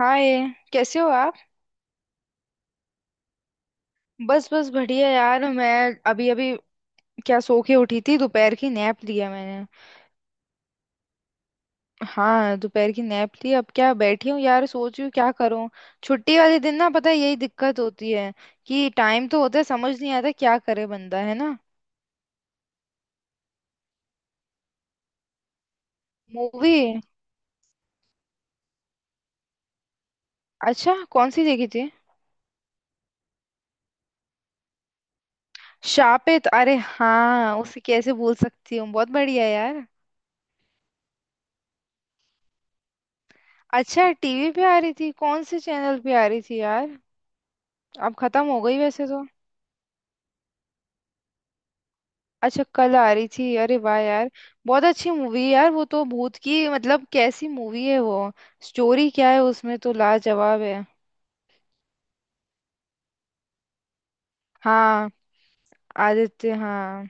हाय। कैसे हो आप। बस बस बढ़िया यार। मैं अभी अभी क्या सो के उठी थी, दोपहर की नैप लिया मैंने। हाँ, दोपहर की नैप ली। अब क्या बैठी हूँ यार, सोच रही हूँ क्या करूँ। छुट्टी वाले दिन ना, पता है यही दिक्कत होती है कि टाइम तो होता है, समझ नहीं आता क्या करे बंदा, है ना। मूवी। अच्छा, कौन सी देखी थी। शापित, अरे हाँ, उसे कैसे भूल सकती हूँ, बहुत बढ़िया यार। अच्छा, टीवी पे आ रही थी। कौन से चैनल पे आ रही थी यार। अब खत्म हो गई वैसे तो। अच्छा, कल आ रही थी, अरे वाह यार। बहुत अच्छी मूवी है यार वो तो। भूत की मतलब कैसी मूवी है वो। स्टोरी क्या है उसमें तो, लाजवाब है। हाँ, आदित्य, हाँ।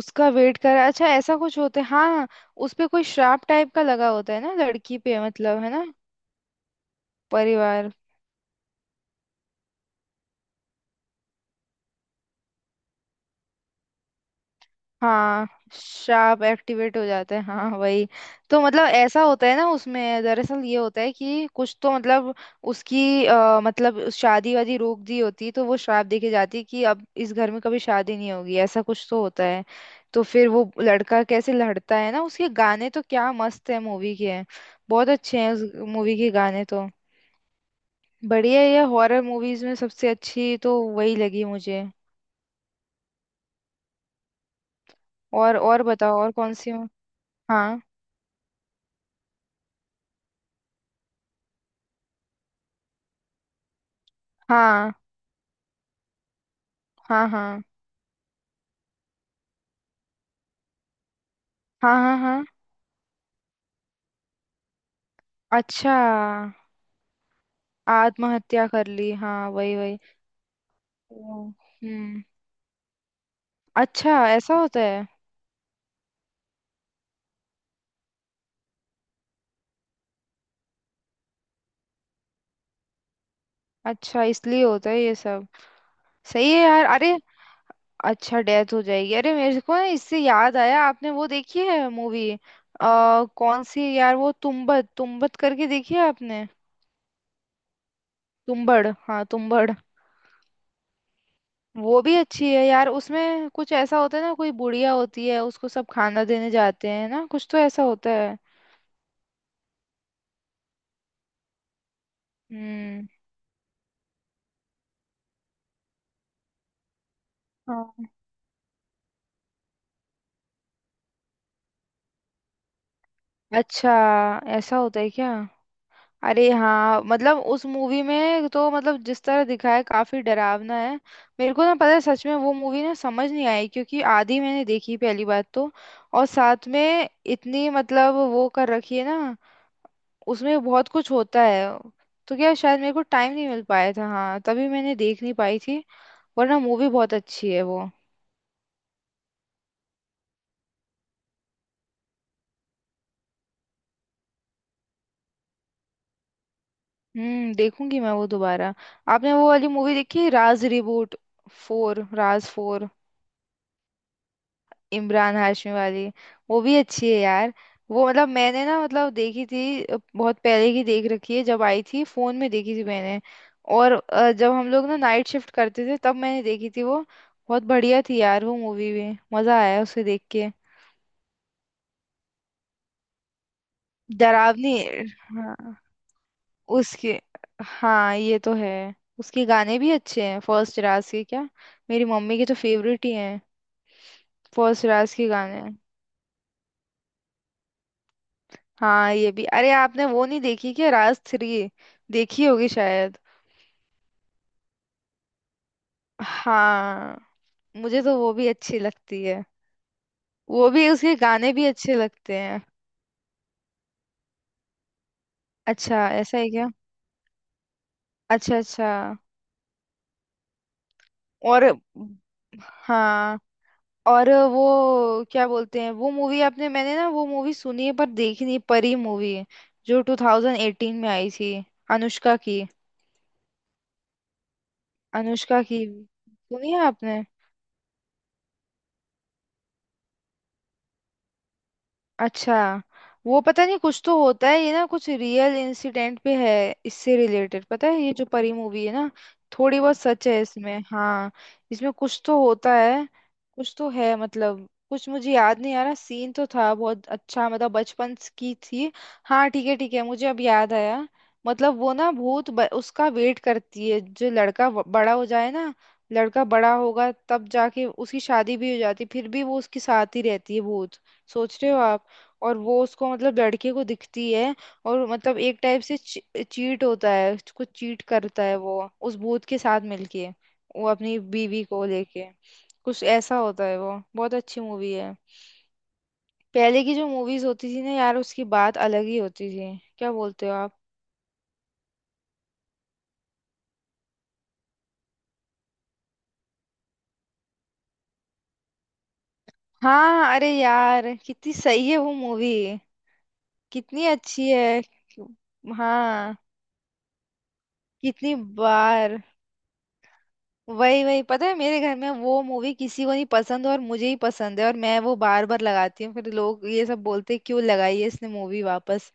उसका वेट कर, अच्छा ऐसा कुछ होता है, हाँ हाँ। उस पे कोई श्राप टाइप का लगा होता है ना लड़की पे, मतलब है ना। परिवार। हाँ। शार्प एक्टिवेट हो जाते हैं, हाँ वही। तो मतलब ऐसा होता है ना उसमें। दरअसल ये होता है कि कुछ तो मतलब मतलब उस शादी वादी रोक दी होती तो वो श्राप देके जाती कि अब इस घर में कभी शादी नहीं होगी, ऐसा कुछ तो होता है। तो फिर वो लड़का कैसे लड़ता है ना। उसके गाने तो क्या मस्त है मूवी के हैं। बहुत अच्छे हैं उस मूवी के गाने तो। बढ़िया है। ये हॉरर मूवीज में सबसे अच्छी तो वही लगी मुझे। और बताओ, और कौन सी हो। हाँ हाँ हाँ। हाँ हाँ हाँ हाँ। अच्छा, आत्महत्या कर ली, हाँ वही वही। तो हम्म। अच्छा ऐसा होता है। अच्छा, इसलिए होता है ये सब। सही है यार, अरे। अच्छा, डेथ हो जाएगी। अरे मेरे को ना इससे याद आया, आपने वो देखी है मूवी। कौन सी यार, वो तुम्बड़ तुम्बड़ करके, देखी है आपने। तुम्बड़, हाँ तुम्बड़। वो भी अच्छी है यार। उसमें कुछ ऐसा होता है ना, कोई बुढ़िया होती है, उसको सब खाना देने जाते हैं ना, कुछ तो ऐसा होता है। हम्म। हाँ। अच्छा ऐसा होता है क्या। अरे हाँ, मतलब उस मूवी में तो मतलब जिस तरह दिखाया है काफी डरावना है। मेरे को ना पता है, सच में वो मूवी ना समझ नहीं आई, क्योंकि आधी मैंने देखी पहली बात तो। और साथ में इतनी मतलब वो कर रखी है ना, उसमें बहुत कुछ होता है। तो क्या शायद मेरे को टाइम नहीं मिल पाया था, हाँ तभी मैंने देख नहीं पाई थी। वरना मूवी बहुत अच्छी है वो। हम्म, देखूंगी मैं वो दोबारा। आपने वो वाली मूवी देखी, Raaz reboot. Four, Raaz four. Imran Hashmi वाली। वो भी अच्छी है यार। वो मतलब मैंने ना मतलब देखी थी, बहुत पहले की देख रखी है, जब आई थी फोन में देखी थी मैंने। और जब हम लोग ना नाइट शिफ्ट करते थे तब मैंने देखी थी वो। बहुत बढ़िया थी यार वो मूवी भी, मजा आया उसे देख के। डरावनी। हाँ। उसके। हाँ, ये तो है। उसके गाने भी अच्छे हैं फर्स्ट राज के क्या। मेरी मम्मी के तो फेवरेट ही हैं। फर्स्ट राज के गाने। हाँ, ये भी। अरे आपने वो नहीं देखी क्या, राज थ्री। देखी होगी शायद। हाँ। मुझे तो वो भी अच्छी लगती है। वो भी, उसके गाने भी अच्छे लगते हैं। अच्छा, ऐसा है क्या। अच्छा अच्छा। और। हाँ। और वो क्या बोलते हैं वो मूवी, आपने, मैंने ना वो मूवी सुनी है पर देखी नहीं, परी मूवी, जो 2018 में आई थी, अनुष्का की। अनुष्का की सुनी है आपने। अच्छा। वो पता नहीं कुछ तो होता है ये ना, कुछ रियल इंसिडेंट पे है, इससे रिलेटेड, पता है ये जो परी मूवी है ना। थोड़ी बहुत सच है इसमें, हाँ। इसमें कुछ तो होता है। कुछ तो है, मतलब कुछ मुझे याद नहीं आ रहा। सीन तो था बहुत अच्छा, मतलब बचपन की थी। हाँ ठीक है ठीक है, मुझे अब याद आया। मतलब वो ना भूत, उसका वेट करती है जो लड़का बड़ा हो जाए ना। लड़का बड़ा होगा तब जाके, उसकी शादी भी हो जाती फिर भी वो उसके साथ ही रहती है भूत। सोच रहे हो आप। और वो उसको मतलब लड़के को दिखती है। और मतलब एक टाइप से चीट होता है, उसको चीट करता है वो उस भूत के साथ मिलके। वो अपनी बीवी को लेके। कुछ ऐसा होता है, वो बहुत अच्छी मूवी है। पहले की जो मूवीज होती थी ना यार, उसकी बात अलग ही होती थी, क्या बोलते हो आप। हाँ, अरे यार कितनी सही है वो मूवी। कितनी अच्छी है। हाँ। कितनी बार। वही वही, पता है मेरे घर में वो मूवी किसी को नहीं पसंद, और मुझे ही पसंद है, और मैं वो बार बार लगाती हूँ, फिर लोग ये सब बोलते हैं, क्यों लगाई है इसने मूवी वापस।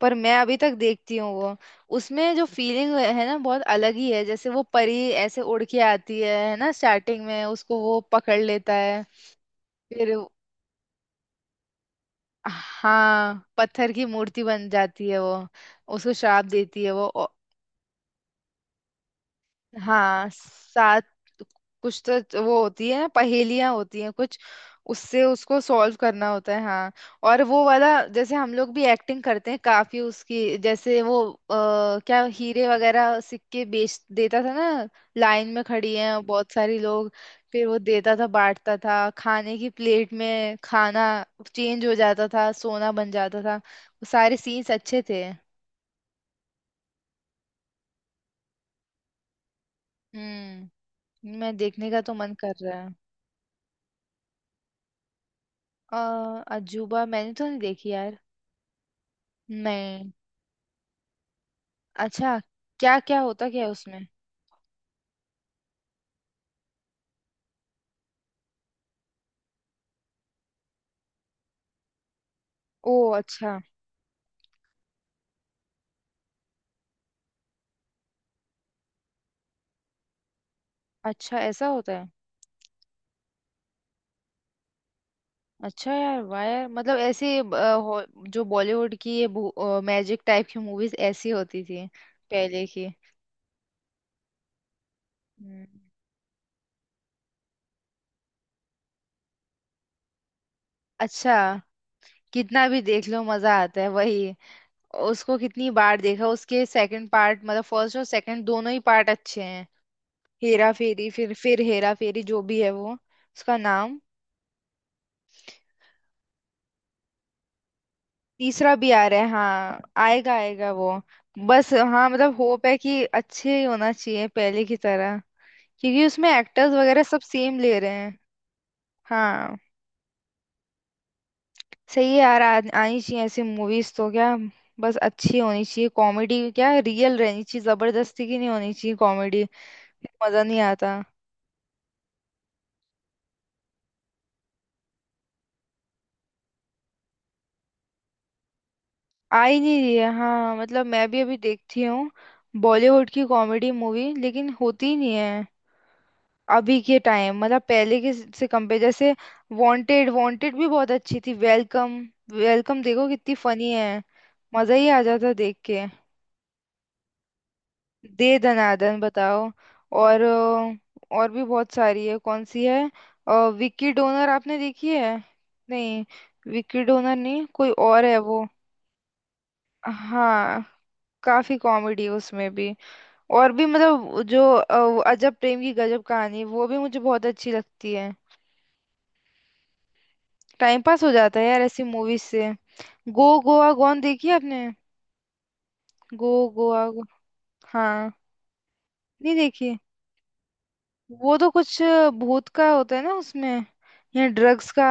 पर मैं अभी तक देखती हूँ वो। उसमें जो फीलिंग है ना बहुत अलग ही है। जैसे वो परी ऐसे उड़ के आती है ना, स्टार्टिंग में, उसको वो पकड़ लेता है। फिर वो। हाँ, पत्थर की मूर्ति बन जाती है वो। उसको श्राप देती है वो। हाँ सात। कुछ तो वो होती है, पहेलियां होती हैं कुछ। उससे उसको सॉल्व करना होता है, हाँ। और वो वाला जैसे हम लोग भी एक्टिंग करते हैं काफी उसकी, जैसे वो क्या हीरे वगैरह सिक्के बेच देता था ना। लाइन में खड़ी हैं और बहुत सारी लोग। फिर वो देता था बांटता था, खाने की प्लेट में खाना। चेंज हो जाता था, सोना बन जाता था, वो सारे सीन्स अच्छे थे। हम्म। मैं देखने का तो मन कर रहा है। अ, अजूबा मैंने तो नहीं देखी यार। नहीं। अच्छा, क्या क्या होता क्या है उसमें। ओ अच्छा। अच्छा ऐसा होता है। अच्छा यार, वाह यार। मतलब ऐसे जो बॉलीवुड की ये मैजिक टाइप की मूवीज ऐसी होती थी। पहले की। हम्म। अच्छा। कितना भी देख लो मजा आता है, वही। उसको कितनी बार देखा। उसके सेकंड पार्ट, मतलब फर्स्ट और सेकंड दोनों ही पार्ट अच्छे हैं। हेरा फेरी, फिर हेरा फेरी, जो भी है वो। उसका नाम। तीसरा भी आ रहा है, हाँ आएगा आएगा वो। बस हाँ, मतलब होप है कि अच्छे ही होना चाहिए पहले की तरह। क्योंकि उसमें एक्टर्स वगैरह सब सेम ले रहे हैं। हाँ। सही है यार, आनी चाहिए ऐसी मूवीज तो क्या। बस अच्छी होनी चाहिए कॉमेडी, क्या रियल रहनी चाहिए, जबरदस्ती की नहीं होनी चाहिए कॉमेडी। मजा नहीं आता। आ ही नहीं रही है, हाँ, मतलब मैं भी अभी देखती हूँ बॉलीवुड की कॉमेडी मूवी, लेकिन होती ही नहीं है अभी के टाइम, मतलब पहले के से कंपेयर। जैसे वांटेड, वांटेड भी बहुत अच्छी थी, वेलकम। वेलकम देखो कितनी फनी है, मजा ही आ जाता देख के। दे दनादन बताओ। और और भी बहुत सारी है, कौन सी है। अ, विक्की डोनर आपने देखी है। नहीं, विक्की डोनर नहीं कोई और है वो। हाँ, काफी कॉमेडी है उसमें भी। और भी मतलब जो अजब प्रेम की गजब कहानी, वो भी मुझे बहुत अच्छी लगती है। टाइम पास हो जाता है यार ऐसी मूवीज से। गो गोवा गॉन देखी है आपने। गो गोवा गो... हाँ। नहीं देखी। वो तो कुछ भूत का होता है ना उसमें, या ड्रग्स का।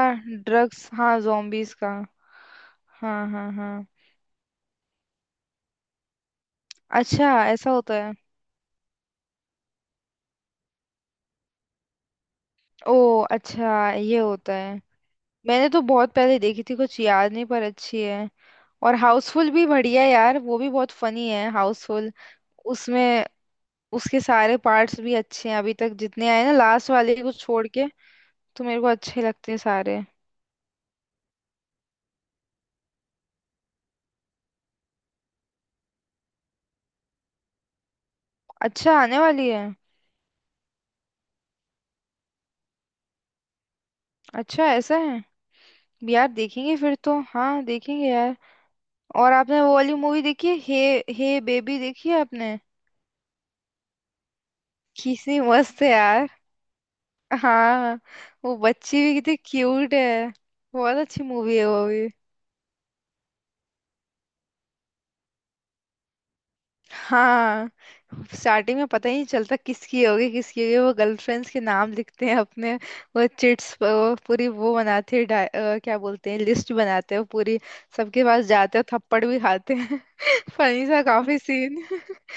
ड्रग्स, हाँ zombies का। हाँ हाँ हाँ। अच्छा ऐसा होता है। ओ अच्छा, ये होता है। मैंने तो बहुत पहले देखी थी, कुछ याद नहीं पर अच्छी है। और हाउसफुल भी बढ़िया है यार, वो भी बहुत फनी है हाउसफुल। उसमें उसके सारे पार्ट्स भी अच्छे हैं अभी तक जितने आए ना, लास्ट वाले को छोड़ के। तो मेरे को अच्छे लगते हैं सारे। अच्छा, आने वाली है। अच्छा, ऐसा है। यार देखेंगे फिर तो, हाँ देखेंगे यार। और आपने वो वाली मूवी देखी है, हे हे बेबी, देखी है आपने। किसी मस्त है यार। हाँ। वो बच्ची भी कितनी क्यूट है। बहुत अच्छी मूवी है वो। हाँ, स्टार्टिंग में पता ही नहीं चलता किसकी होगी, किसकी होगी, वो गर्लफ्रेंड्स के नाम लिखते हैं अपने। वो चिट्स वो पूरी वो बनाते हैं, क्या बोलते हैं, लिस्ट बनाते हैं वो पूरी। सबके पास जाते हैं, थप्पड़ भी खाते हैं फनी सा काफी सीन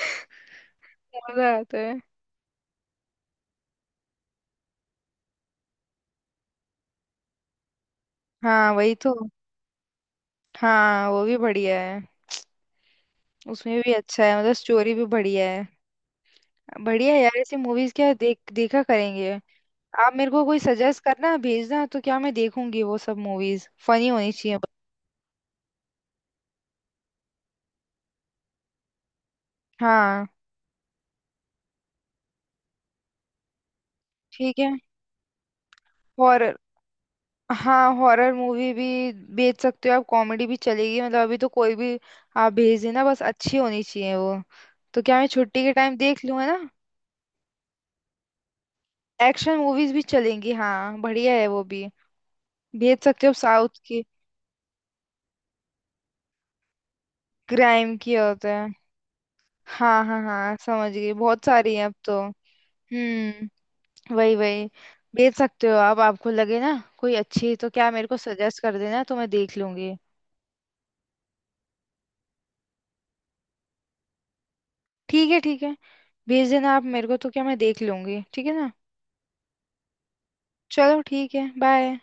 मजा आता है। हाँ वही तो। हाँ वो भी बढ़िया है। उसमें भी अच्छा है, मतलब स्टोरी भी बढ़िया है। बढ़िया है यार, ऐसी मूवीज क्या देख देखा करेंगे। आप मेरे को कोई सजेस्ट करना, भेजना, तो क्या मैं देखूंगी वो सब। मूवीज फनी होनी चाहिए। हाँ। ठीक है। हॉरर। हाँ, हॉरर मूवी भी भेज सकते हो आप, कॉमेडी भी चलेगी, मतलब अभी तो कोई भी। आप भेज देना, बस अच्छी होनी चाहिए वो, तो क्या मैं छुट्टी के टाइम देख लूँ, है ना। एक्शन मूवीज भी चलेंगी, हाँ बढ़िया है वो भी। भेज सकते हो आप साउथ की, क्राइम की होता है। हाँ हाँ हाँ समझ गई, बहुत सारी हैं अब तो। हम्म, वही वही। भेज सकते हो आप, आपको लगे ना कोई अच्छी, तो क्या मेरे को सजेस्ट कर देना, तो मैं देख लूंगी। ठीक है ठीक है, भेज देना आप मेरे को, तो क्या मैं देख लूंगी, ठीक है ना। चलो ठीक है, बाय।